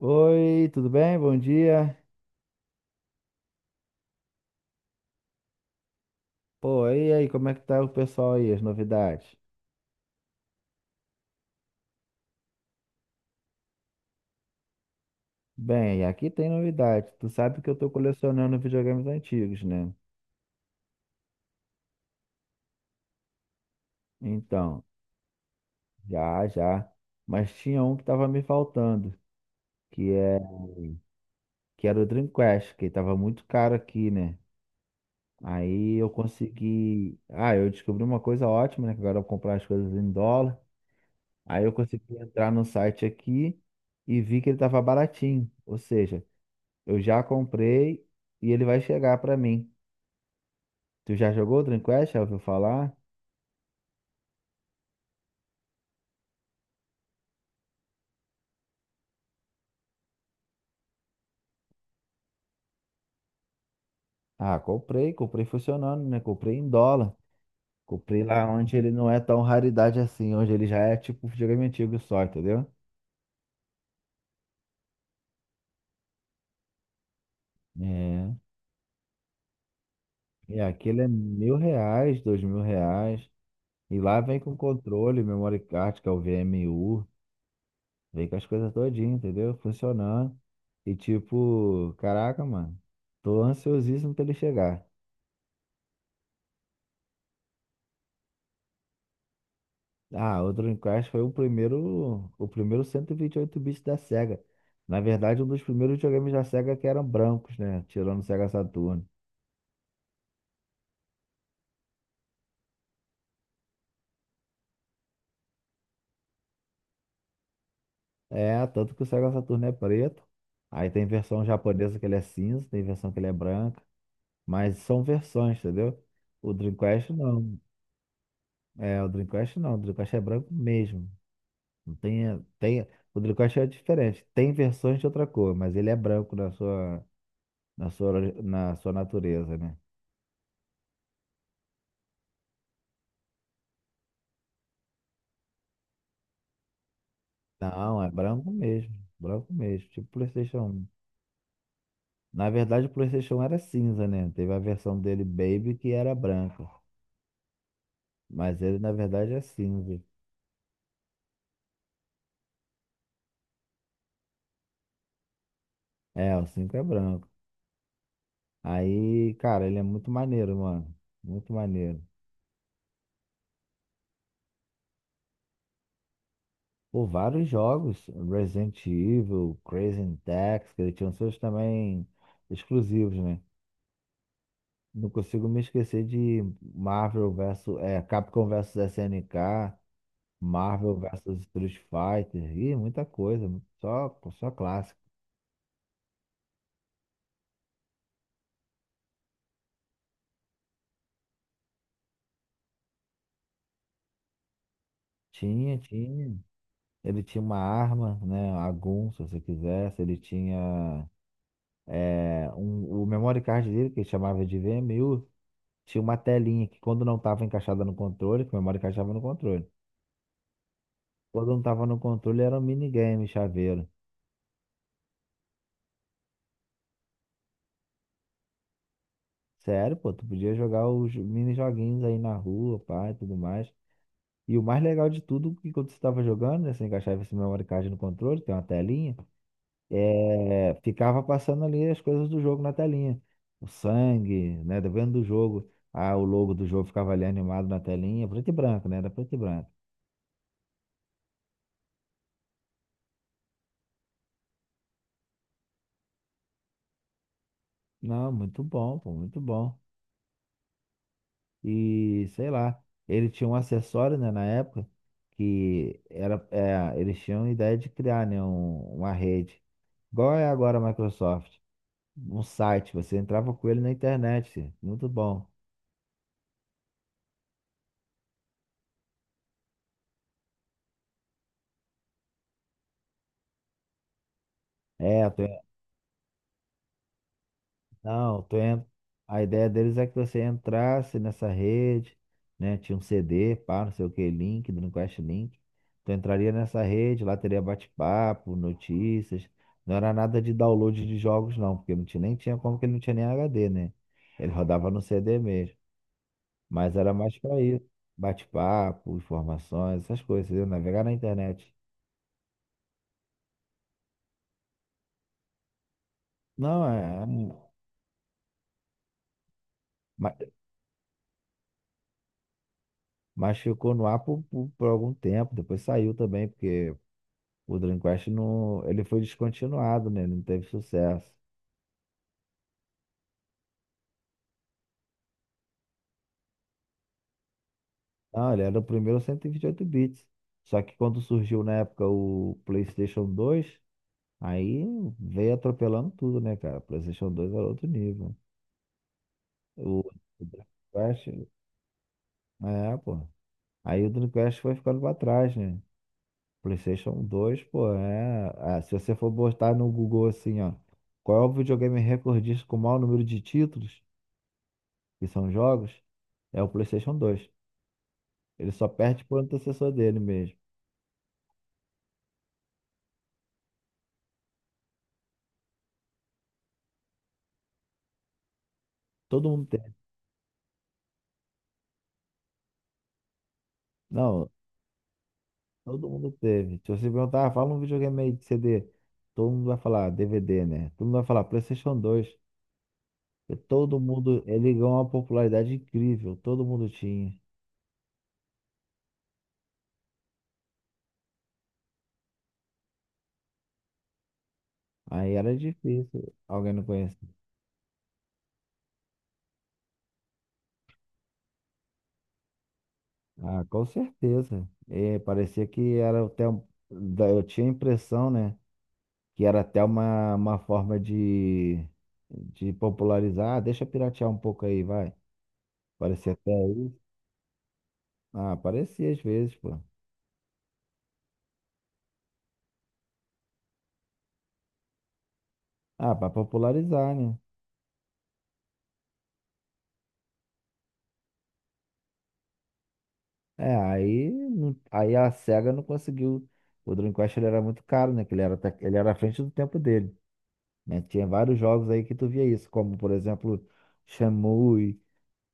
Oi, tudo bem? Bom dia. Pô, e aí, como é que tá o pessoal aí, as novidades? Bem, aqui tem novidade. Tu sabe que eu tô colecionando videogames antigos, né? Então, já, já. Mas tinha um que tava me faltando, que é, que era o Dreamcast, que tava muito caro aqui, né? Aí eu consegui. Ah, eu descobri uma coisa ótima, né? Que agora eu vou comprar as coisas em dólar. Aí eu consegui entrar no site aqui e vi que ele tava baratinho. Ou seja, eu já comprei e ele vai chegar pra mim. Tu já jogou o Dreamcast? Já ouviu falar? Ah, comprei, comprei funcionando, né? Comprei em dólar. Comprei lá onde ele não é tão raridade assim, onde ele já é tipo um videogame antigo só, entendeu? É. E aquele é mil reais, dois mil reais. E lá vem com controle, memory card, que é o VMU. Vem com as coisas todinhas, entendeu? Funcionando. E tipo, caraca, mano. Tô ansiosíssimo pra ele chegar. Ah, o Dreamcast foi o primeiro 128 bits da Sega. Na verdade, um dos primeiros videogames da Sega que eram brancos, né? Tirando o Sega Saturn. É, tanto que o Sega Saturn é preto. Aí tem versão japonesa que ele é cinza, tem versão que ele é branca. Mas são versões, entendeu? O Dreamcast não. É, o Dreamcast não. O Dreamcast é branco mesmo. Não tem, o Dreamcast é diferente. Tem versões de outra cor, mas ele é branco na sua, na sua natureza, né? Não, é branco mesmo. Branco mesmo. Tipo PlayStation 1. Na verdade, o PlayStation 1 era cinza, né? Teve a versão dele Baby que era branca. Mas ele, na verdade, é cinza. É, o 5 é branco. Aí, cara, ele é muito maneiro, mano. Muito maneiro. Por vários jogos, Resident Evil, Crazy Taxi, que ele tinha seus também exclusivos, né? Não consigo me esquecer de Marvel versus, Capcom versus SNK. Marvel versus Street Fighter, e muita coisa, só clássico. Tinha, tinha. Ele tinha uma arma, né? A Gun, se você quisesse. Ele tinha o memory card dele, que ele chamava de v VMU, tinha uma telinha que quando não estava encaixada no controle, que o memory card estava no controle. Quando não estava no controle, era um minigame, chaveiro. Sério, pô, tu podia jogar os mini joguinhos aí na rua, pá, e tudo mais. E o mais legal de tudo, que quando você estava jogando, né, você encaixava esse memory card no controle, tem uma telinha, ficava passando ali as coisas do jogo na telinha. O sangue, né, dependendo do jogo. Ah, o logo do jogo ficava ali animado na telinha, preto e branco, né, era preto e branco. Não, muito bom, pô, muito bom. E, sei lá, ele tinha um acessório, né, na época, que era, eles tinham a ideia de criar, né, uma rede. Igual é agora a Microsoft. Um site, você entrava com ele na internet. Muito bom. É, eu tô, não, a ideia deles é que você entrasse nessa rede, né? Tinha um CD, pá, não sei o que, link, Dreamcast Link. Tu entraria nessa rede, lá teria bate-papo, notícias. Não era nada de download de jogos, não, porque não tinha, nem tinha como que ele não tinha nem HD, né? Ele rodava no CD mesmo. Mas era mais pra isso. Bate-papo, informações, essas coisas, entendeu? Navegar na internet. Não, é. Mas ficou no ar por algum tempo, depois saiu também, porque o Dreamcast não, ele foi descontinuado, né? Ele não teve sucesso. Não, ele era o primeiro cento e vinte e oito bits. Só que quando surgiu na época o PlayStation 2, aí veio atropelando tudo, né, cara? O PlayStation dois era outro nível. O, o Dreamcast, pô. Aí o Dreamcast foi ficando pra trás, né? PlayStation 2, pô, é. Ah, se você for botar no Google assim, ó, qual é o videogame recordista com o maior número de títulos, que são jogos, é o PlayStation 2. Ele só perde pro antecessor dele mesmo. Todo mundo teve. Não, todo mundo teve. Se você perguntar, ah, fala um videogame aí de CD, todo mundo vai falar DVD, né? Todo mundo vai falar PlayStation 2. E todo mundo, ele ganhou uma popularidade incrível, todo mundo tinha. Aí era difícil alguém não conhecer. Ah, com certeza. É, parecia que era até. Eu tinha a impressão, né? Que era até uma forma de popularizar. Ah, deixa eu piratear um pouco aí, vai. Parecia até isso. Ah, parecia às vezes, pô. Ah, pra popularizar, né? É, aí, aí a SEGA não conseguiu. O Dreamcast ele era muito caro, né? Que ele era, ele era à frente do tempo dele. Né? Tinha vários jogos aí que tu via isso, como por exemplo, Shenmue.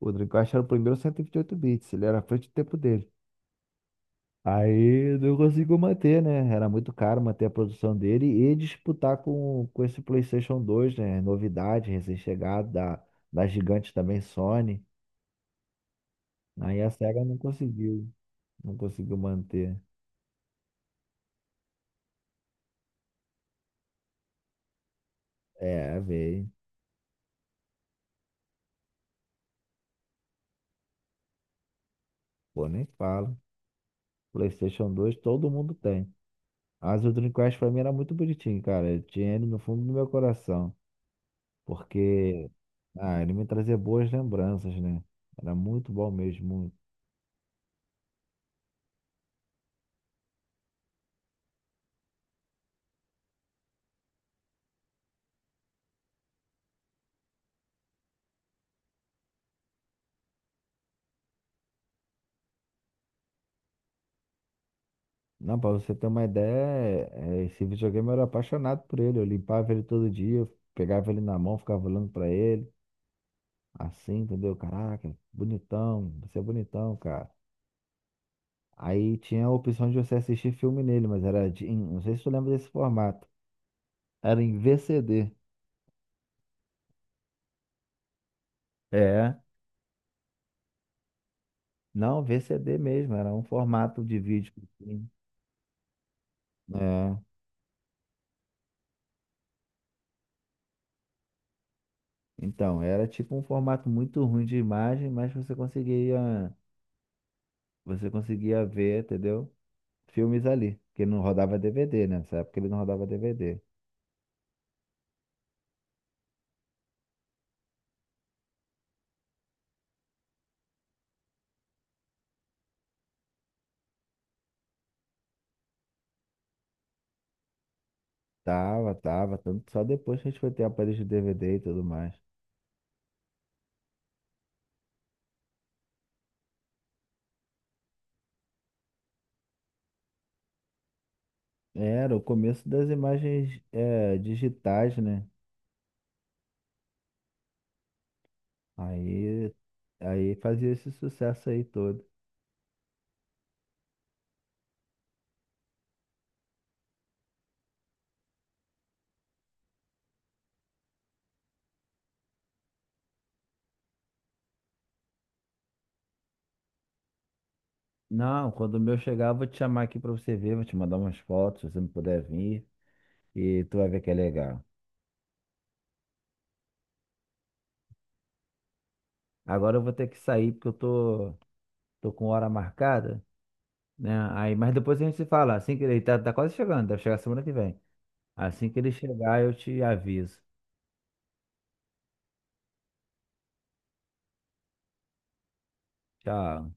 O Dreamcast era o primeiro 128 bits, ele era à frente do tempo dele. Aí não conseguiu manter, né? Era muito caro manter a produção dele e disputar com esse PlayStation 2, né? Novidade, recém-chegado da gigante também, Sony. Aí a Sega não conseguiu, não conseguiu manter. É, veio. Pô, nem fala. PlayStation 2 todo mundo tem. Mas o Dreamcast pra mim era muito bonitinho, cara. Eu tinha ele no fundo do meu coração. Porque Ah, ele me trazia boas lembranças, né? Era muito bom mesmo. Não, pra você ter uma ideia, esse videogame eu era apaixonado por ele. Eu limpava ele todo dia, eu pegava ele na mão, ficava olhando pra ele, assim, entendeu? Caraca, bonitão, você é bonitão, cara. Aí tinha a opção de você assistir filme nele, mas não sei se tu lembra desse formato. Era em VCD. É, não, VCD mesmo, era um formato de vídeo. Assim. É. Então, era tipo um formato muito ruim de imagem, mas você conseguia ver, entendeu? Filmes ali, porque não rodava DVD, né? Nessa época ele não rodava DVD. Tava, tava, tanto só depois que a gente foi ter aparelho de DVD e tudo mais. Era o começo das imagens digitais, né? Aí, aí fazia esse sucesso aí todo. Não, quando o meu chegar, eu vou te chamar aqui pra você ver, vou te mandar umas fotos, se você não puder vir, e tu vai ver que é legal. Agora eu vou ter que sair porque eu tô com hora marcada, né? Aí, mas depois a gente se fala. Assim que ele tá quase chegando, deve chegar semana que vem. Assim que ele chegar, eu te aviso. Tchau.